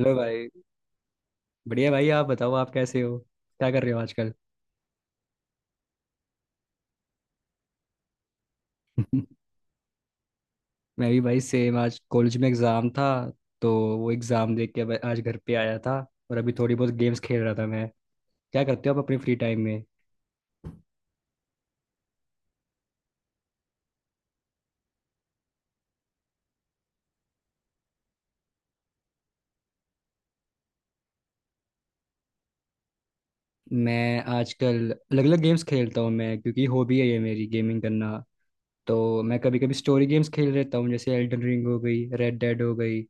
Hello भाई। बढ़िया भाई, आप बताओ आप कैसे हो? क्या कर रहे हो आजकल? मैं भी भाई सेम। आज कॉलेज में एग्ज़ाम था, तो वो एग्ज़ाम देख के अब आज घर पे आया था। और अभी थोड़ी बहुत गेम्स खेल रहा था मैं। क्या करते हो आप अपने फ्री टाइम में? मैं आजकल अलग अलग गेम्स खेलता हूँ मैं, क्योंकि हॉबी है ये मेरी गेमिंग करना। तो मैं कभी कभी स्टोरी गेम्स खेल लेता हूँ, जैसे एल्डन रिंग हो गई, रेड डेड हो गई।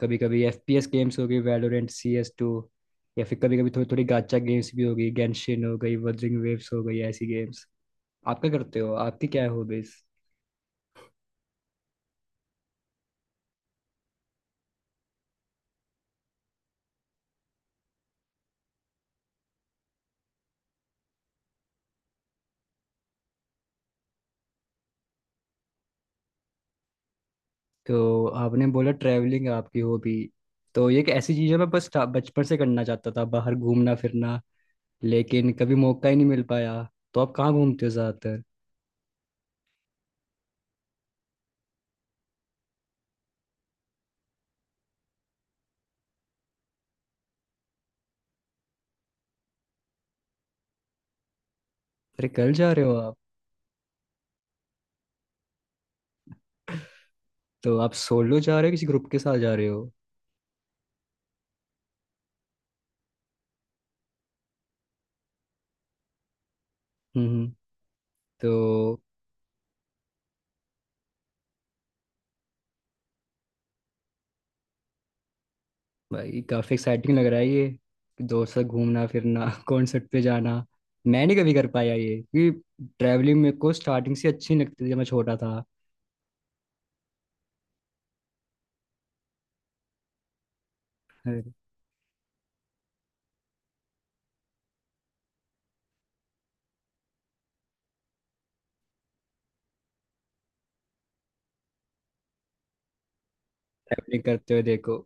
कभी कभी एफ पी एस गेम्स हो गई, वैलोरेंट, सी एस टू। या फिर कभी कभी थोड़ी थोड़ी गाचा गेम्स भी हो गई, गेंशिन हो गई, वदरिंग वेव्स हो गई, ऐसी गेम्स। आपका करते हो, आपकी क्या है हॉबीज? तो आपने बोला ट्रैवलिंग आपकी हॉबी। तो ये एक ऐसी चीज़ है, मैं बचपन से करना चाहता था बाहर घूमना फिरना, लेकिन कभी मौका ही नहीं मिल पाया। तो आप कहाँ घूमते हो ज़्यादातर? अरे कल जा रहे हो आप? तो आप सोलो जा रहे हो किसी ग्रुप के साथ जा रहे हो? हम्म हम्म। तो भाई काफ़ी एक्साइटिंग लग रहा है ये। दोस्त से घूमना फिरना, कॉन्सर्ट पे जाना। मैं नहीं कभी कर पाया ये, क्योंकि ट्रैवलिंग मेरे को स्टार्टिंग से अच्छी नहीं लगती थी जब मैं छोटा था। ट्रैवलिंग करते हुए देखो।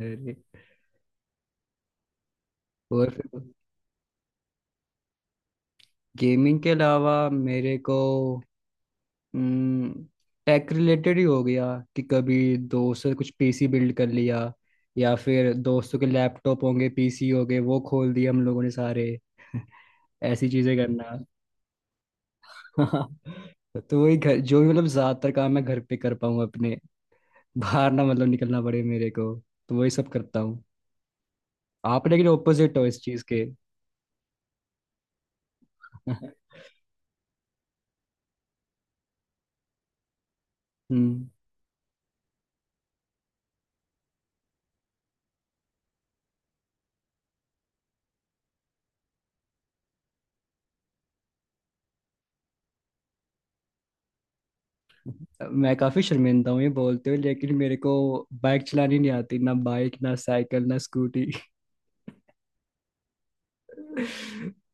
अरे। और फिर गेमिंग के अलावा, मेरे को टेक रिलेटेड ही हो गया। कि कभी दोस्त से कुछ पीसी बिल्ड कर लिया, या फिर दोस्तों के लैपटॉप होंगे, पीसी होंगे, वो खोल दिए हम लोगों ने सारे। ऐसी चीजें करना। तो वही घर, जो भी मतलब ज्यादातर काम मैं घर पे कर पाऊँ अपने, बाहर ना मतलब निकलना पड़े मेरे को, तो वही सब करता हूँ। आप लेकिन ऑपोजिट हो इस चीज के। हम्म। मैं काफी शर्मिंदा हूँ ये बोलते हुए, लेकिन मेरे को बाइक चलानी नहीं आती, ना बाइक ना साइकिल ना स्कूटी।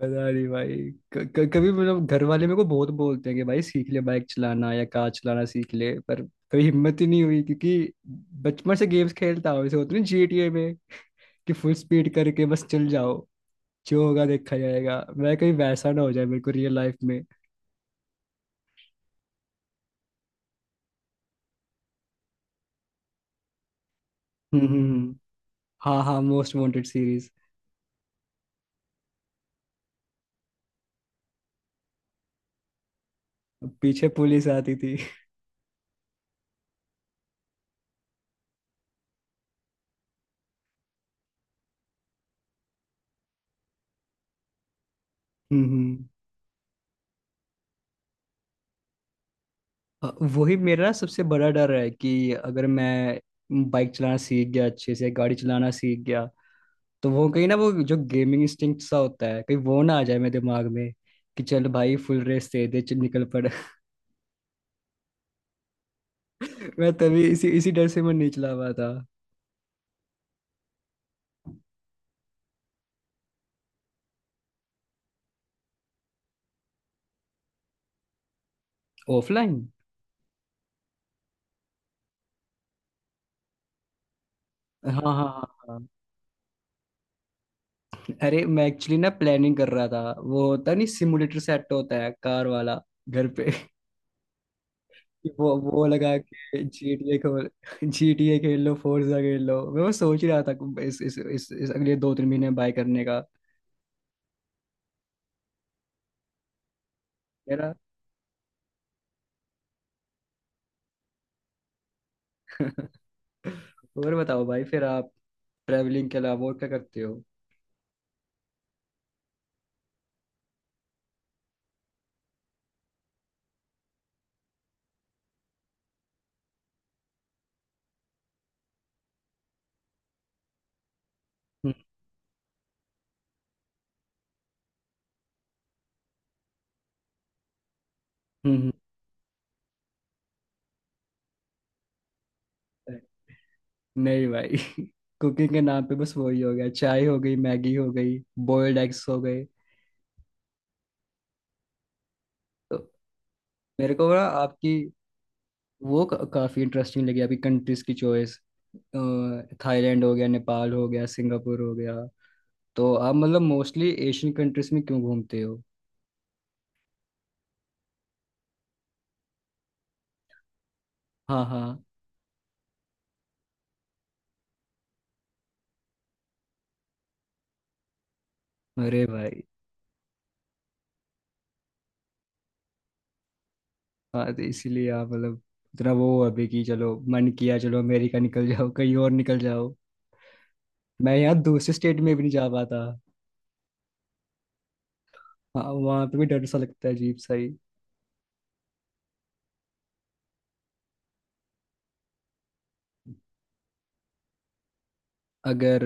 पता नहीं भाई। कभी मतलब घर वाले मेरे को बहुत बोलते हैं कि भाई सीख ले बाइक चलाना या कार चलाना सीख ले, पर कभी हिम्मत ही नहीं हुई, क्योंकि बचपन से गेम्स खेलता हूँ, जैसे होते हैं जीटीए में, कि फुल स्पीड करके बस चल जाओ, जो होगा देखा जाएगा। मैं कहीं वैसा ना हो जाए मेरे को रियल लाइफ में। हम्म हम्म, हम्म। हाँ हाँ, मोस्ट वांटेड सीरीज। पीछे पुलिस आती थी। हम्म हम्म। अ, वही मेरा सबसे बड़ा डर है, कि अगर मैं बाइक चलाना सीख गया, अच्छे से गाड़ी चलाना सीख गया, तो वो कहीं ना, वो जो गेमिंग इंस्टिंक्ट सा होता है, कहीं वो ना आ जाए मेरे दिमाग में, कि चल भाई फुल रेस दे दे चल निकल पड़। मैं तभी इसी इसी डर से मैं नहीं चला पाया था। ऑफलाइन। हाँ हाँ हाँ हाँ। अरे मैं एक्चुअली ना प्लानिंग कर रहा था, वो होता नहीं सिमुलेटर सेट होता है कार वाला, घर पे। वो लगा के GTA खेल, GTA खेल लो, फोर्जा खेल लो। मैं वो सोच ही रहा था कि इस अगले दो तीन महीने में बाय करने का मेरा। और बताओ भाई फिर आप ट्रैवलिंग के अलावा और क्या करते हो? हम्म, हम्म, हम्म। नहीं भाई। कुकिंग के नाम पे बस वही हो गया, चाय हो गई, मैगी हो गई, बॉयल्ड एग्स हो गए। तो मेरे को ना आपकी वो काफी इंटरेस्टिंग लगी अभी कंट्रीज की चॉइस। थाईलैंड हो गया, नेपाल हो गया, सिंगापुर हो गया। तो आप मतलब मोस्टली एशियन कंट्रीज में क्यों घूमते हो? हाँ हाँ। अरे भाई। हाँ, तो इसीलिए आप मतलब इतना वो हो अभी कि चलो मन किया चलो अमेरिका निकल जाओ कहीं और निकल जाओ। मैं यहाँ दूसरे स्टेट में भी नहीं जा पाता। हाँ वहाँ पे भी डर सा लगता है, अजीब सा ही। अगर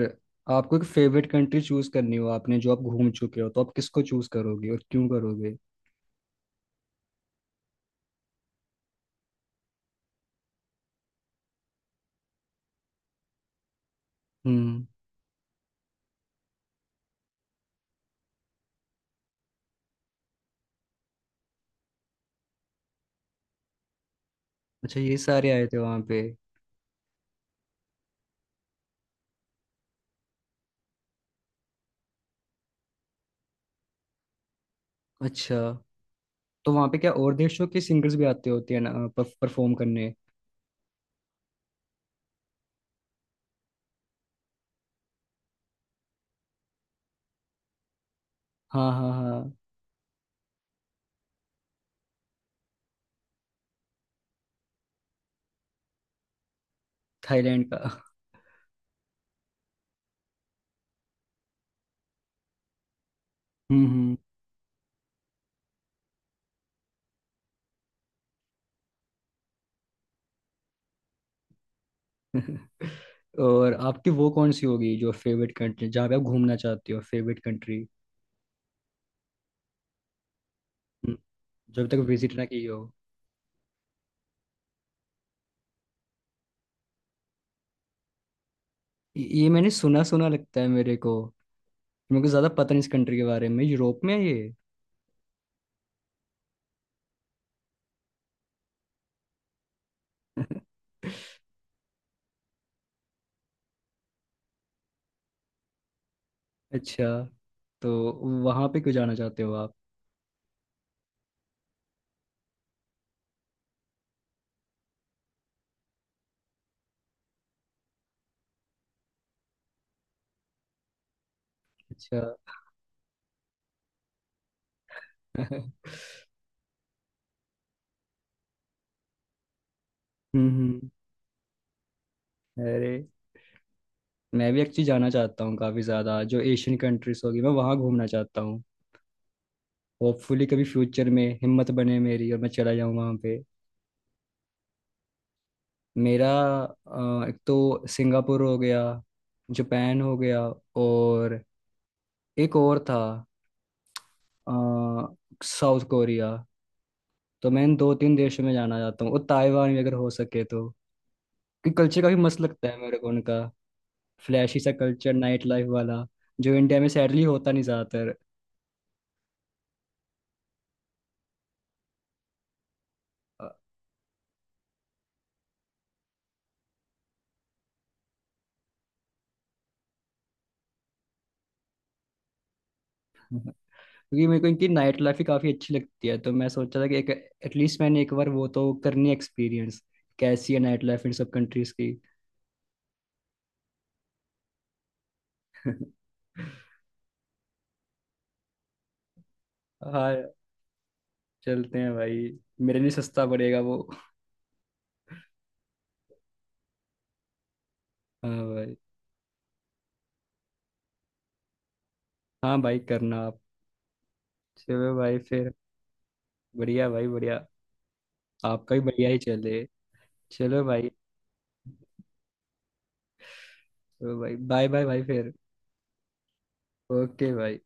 आपको एक फेवरेट कंट्री चूज करनी हो, आपने जो आप घूम चुके हो, तो आप किसको चूज करोगे और क्यों करोगे? हम्म। अच्छा, ये सारे आए थे वहाँ पे? अच्छा। तो वहाँ पे क्या और देशों के सिंगर्स भी आते होते हैं ना, परफॉर्म करने? हाँ हाँ हाँ। थाईलैंड का? हम्म हम्म। और आपकी वो कौन सी होगी जो फेवरेट कंट्री जहाँ पे आप घूमना चाहते हो, फेवरेट कंट्री, जब तक विजिट ना की हो? ये मैंने सुना सुना लगता है मेरे को। मेरे को ज़्यादा पता नहीं इस कंट्री के बारे में। यूरोप में है ये? अच्छा। तो वहाँ पे क्यों जाना चाहते हो आप? अच्छा। हम्म हम्म। अरे मैं भी एक्चुअली जाना चाहता हूँ काफ़ी ज़्यादा। जो एशियन कंट्रीज होगी, मैं वहाँ घूमना चाहता हूँ। होपफुली कभी फ्यूचर में हिम्मत बने मेरी और मैं चला जाऊँ वहाँ पे। मेरा एक तो सिंगापुर हो गया, जापान हो गया, और एक और था, अ, साउथ कोरिया। तो मैं इन दो तीन देशों में जाना चाहता हूँ, और ताइवान भी अगर हो सके तो। क्योंकि कल्चर काफी मस्त लगता है मेरे को उनका। फ्लैशी सा कल्चर, नाइट लाइफ वाला, जो इंडिया में सैडली होता नहीं ज्यादातर। क्योंकि मेरे को इनकी नाइट लाइफ ही काफ़ी अच्छी लगती है, तो मैं सोचा था कि एक, एटलीस्ट मैंने एक बार वो तो करनी एक्सपीरियंस, कैसी है नाइट लाइफ इन सब कंट्रीज की। हाँ, चलते हैं भाई। मेरे लिए सस्ता पड़ेगा वो। हाँ भाई। हाँ भाई करना आप। चलो भाई फिर। बढ़िया भाई बढ़िया। आपका भी बढ़िया ही चले। चलो भाई। चलो भाई, बाय बाय भाई फिर। ओके भाई।